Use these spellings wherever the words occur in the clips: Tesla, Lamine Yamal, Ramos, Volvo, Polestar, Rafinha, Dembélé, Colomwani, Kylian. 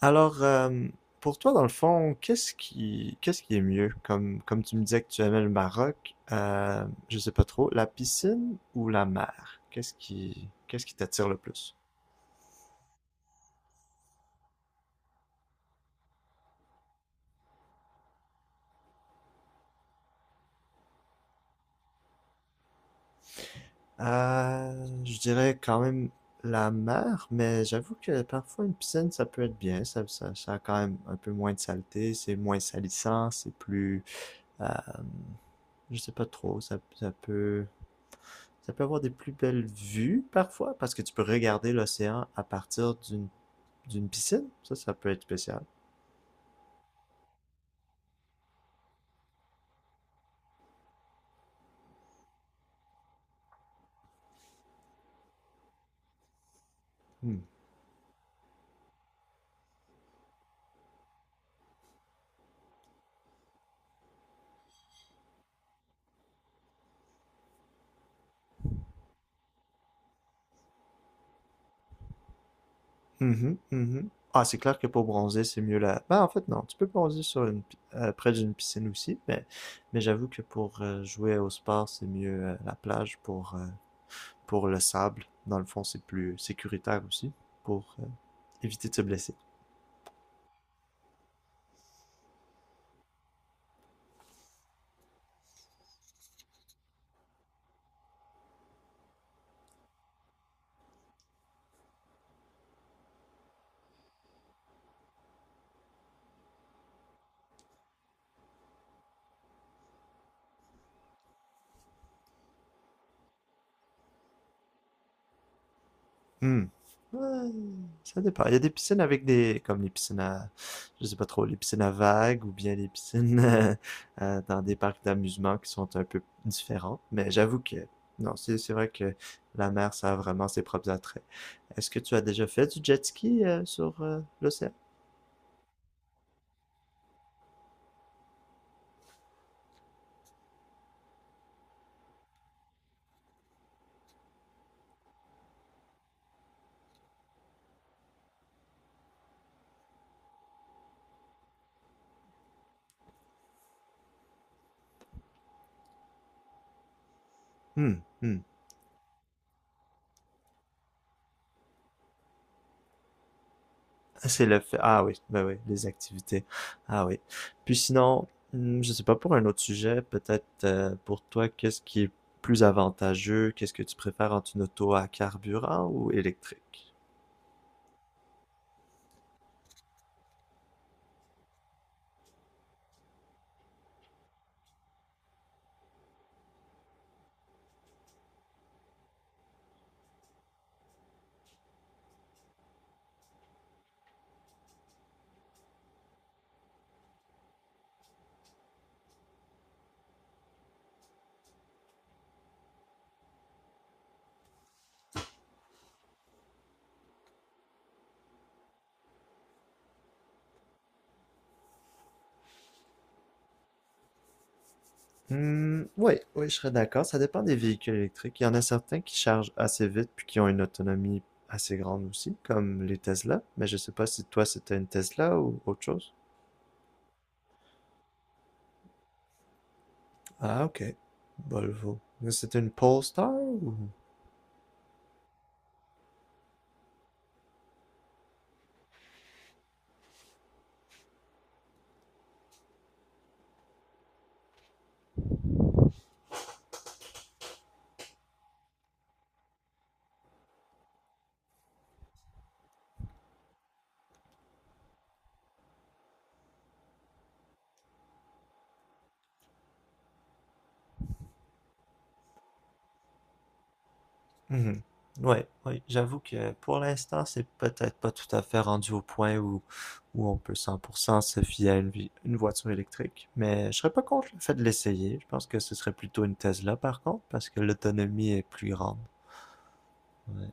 Alors, euh, pour toi, dans le fond, qu'est-ce qui est mieux? Comme tu me disais que tu aimais le Maroc, je sais pas trop, la piscine ou la mer? Qu'est-ce qui t'attire le plus? Je dirais quand même la mer, mais j'avoue que parfois une piscine, ça peut être bien. Ça a quand même un peu moins de saleté, c'est moins salissant, euh, je sais pas trop, ça peut avoir des plus belles vues parfois, parce que tu peux regarder l'océan à partir d'une piscine. Ça peut être spécial. Hmm. Mhm, mhm. Ah, c'est clair que pour bronzer, c'est mieux là. Ben, en fait, non. Tu peux bronzer sur près d'une piscine aussi, mais j'avoue que pour jouer au sport, c'est mieux la plage pour le sable. Dans le fond, c'est plus sécuritaire aussi pour éviter de se blesser. Hmm. Ouais, ça dépend. Il y a des piscines avec des, comme les piscines à, je sais pas trop, les piscines à vagues ou bien les piscines dans des parcs d'amusement qui sont un peu différents. Non, c'est vrai que la mer, ça a vraiment ses propres attraits. Est-ce que tu as déjà fait du jet ski sur l'océan? Hmm, hmm. C'est le fait. Ah oui, ben oui, les activités. Ah oui. Puis sinon, hmm, je sais pas pour un autre sujet, peut-être pour toi, qu'est-ce qui est plus avantageux? Qu'est-ce que tu préfères entre une auto à carburant ou électrique? Hmm, oui, oui, je serais d'accord. Ça dépend des véhicules électriques. Il y en a certains qui chargent assez vite puis qui ont une autonomie assez grande aussi, comme les Tesla. Mais je sais pas si toi c'était une Tesla ou autre chose. Ah ok, Volvo. Mais c'était une Polestar ou? Mhm. Ouais, ouais, j'avoue que pour l'instant, c'est peut-être pas tout à fait rendu au point où on peut 100% se fier à une voiture électrique, mais je serais pas contre le fait de l'essayer. Je pense que ce serait plutôt une Tesla par contre, parce que l'autonomie est plus grande. Ouais.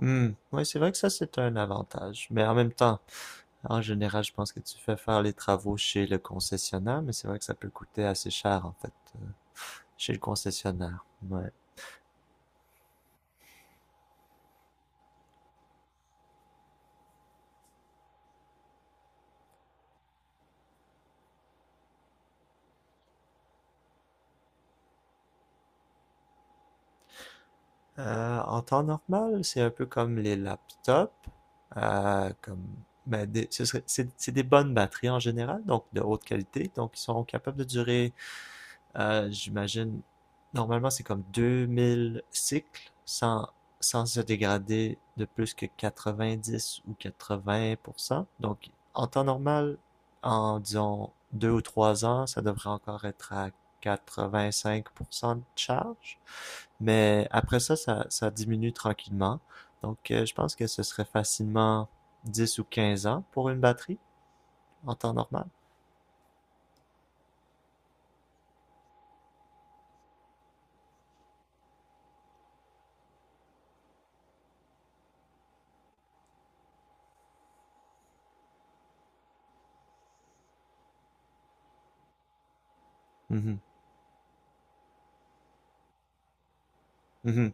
Hmm. Ouais, c'est vrai que ça, c'est un avantage, mais en même temps, en général, je pense que tu fais faire les travaux chez le concessionnaire, mais c'est vrai que ça peut coûter assez cher en fait, chez le concessionnaire. Ouais. En temps normal, c'est un peu comme les laptops, comme, mais des- ce serait- c'est des bonnes batteries en général, donc de haute qualité, donc ils sont capables de durer j'imagine, normalement, c'est comme 2000 cycles sans se dégrader de plus que 90 ou 80%. Donc, en temps normal, en disons 2 ou 3 ans, ça devrait encore être à 85% de charge. Mais après ça, ça diminue tranquillement. Donc, je pense que ce serait facilement 10 ou 15 ans pour une batterie en temps normal. Mhm, mhm,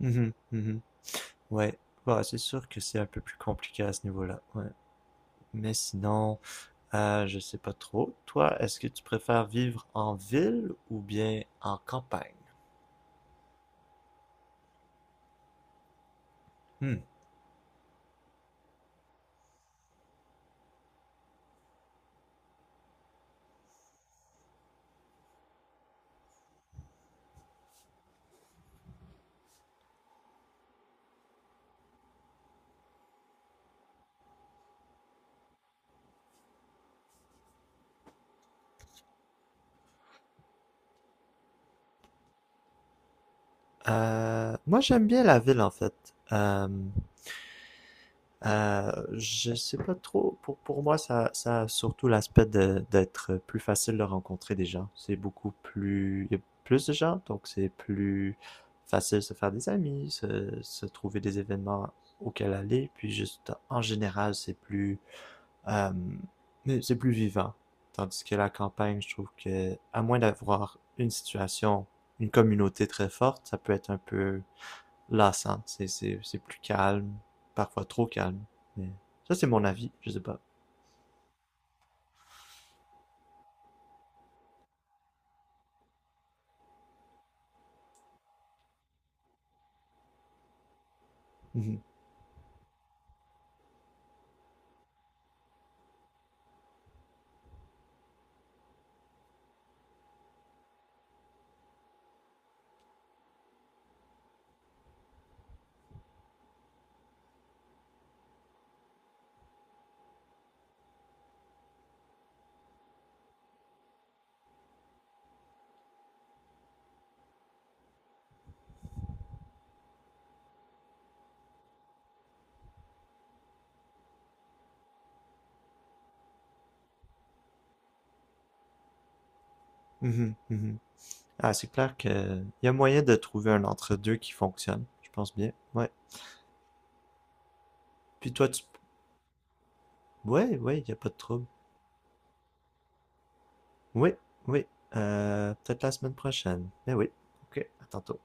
mhm, mhm. Ouais, bah, c'est sûr que c'est un peu plus compliqué à ce niveau-là. Ouais. Mais sinon, je sais pas trop. Toi, est-ce que tu préfères vivre en ville ou bien en campagne? Hmm. Moi, j'aime bien la ville en fait. Euh, je sais pas trop. Pour moi, ça a surtout l'aspect de- d'être plus facile de rencontrer des gens. C'est beaucoup plus. Il y a plus de gens, donc c'est plus facile de se faire des amis, se trouver des événements auxquels aller. Puis juste en général, euh, mais c'est plus vivant. Tandis que la campagne, je trouve que, à moins d'avoir une situation, une communauté très forte, ça peut être un peu lassant. C'est plus calme, parfois trop calme. Mais ça, c'est mon avis, je sais pas. Mhm, mhm, mhm. Ah, c'est clair que y a moyen de trouver un entre-deux qui fonctionne. Je pense bien. Ouais. Puis toi, tu... Ouais, ouais, y a pas de trouble. Oui, oui. Peut-être la semaine prochaine. Mais oui. Ok, à tantôt.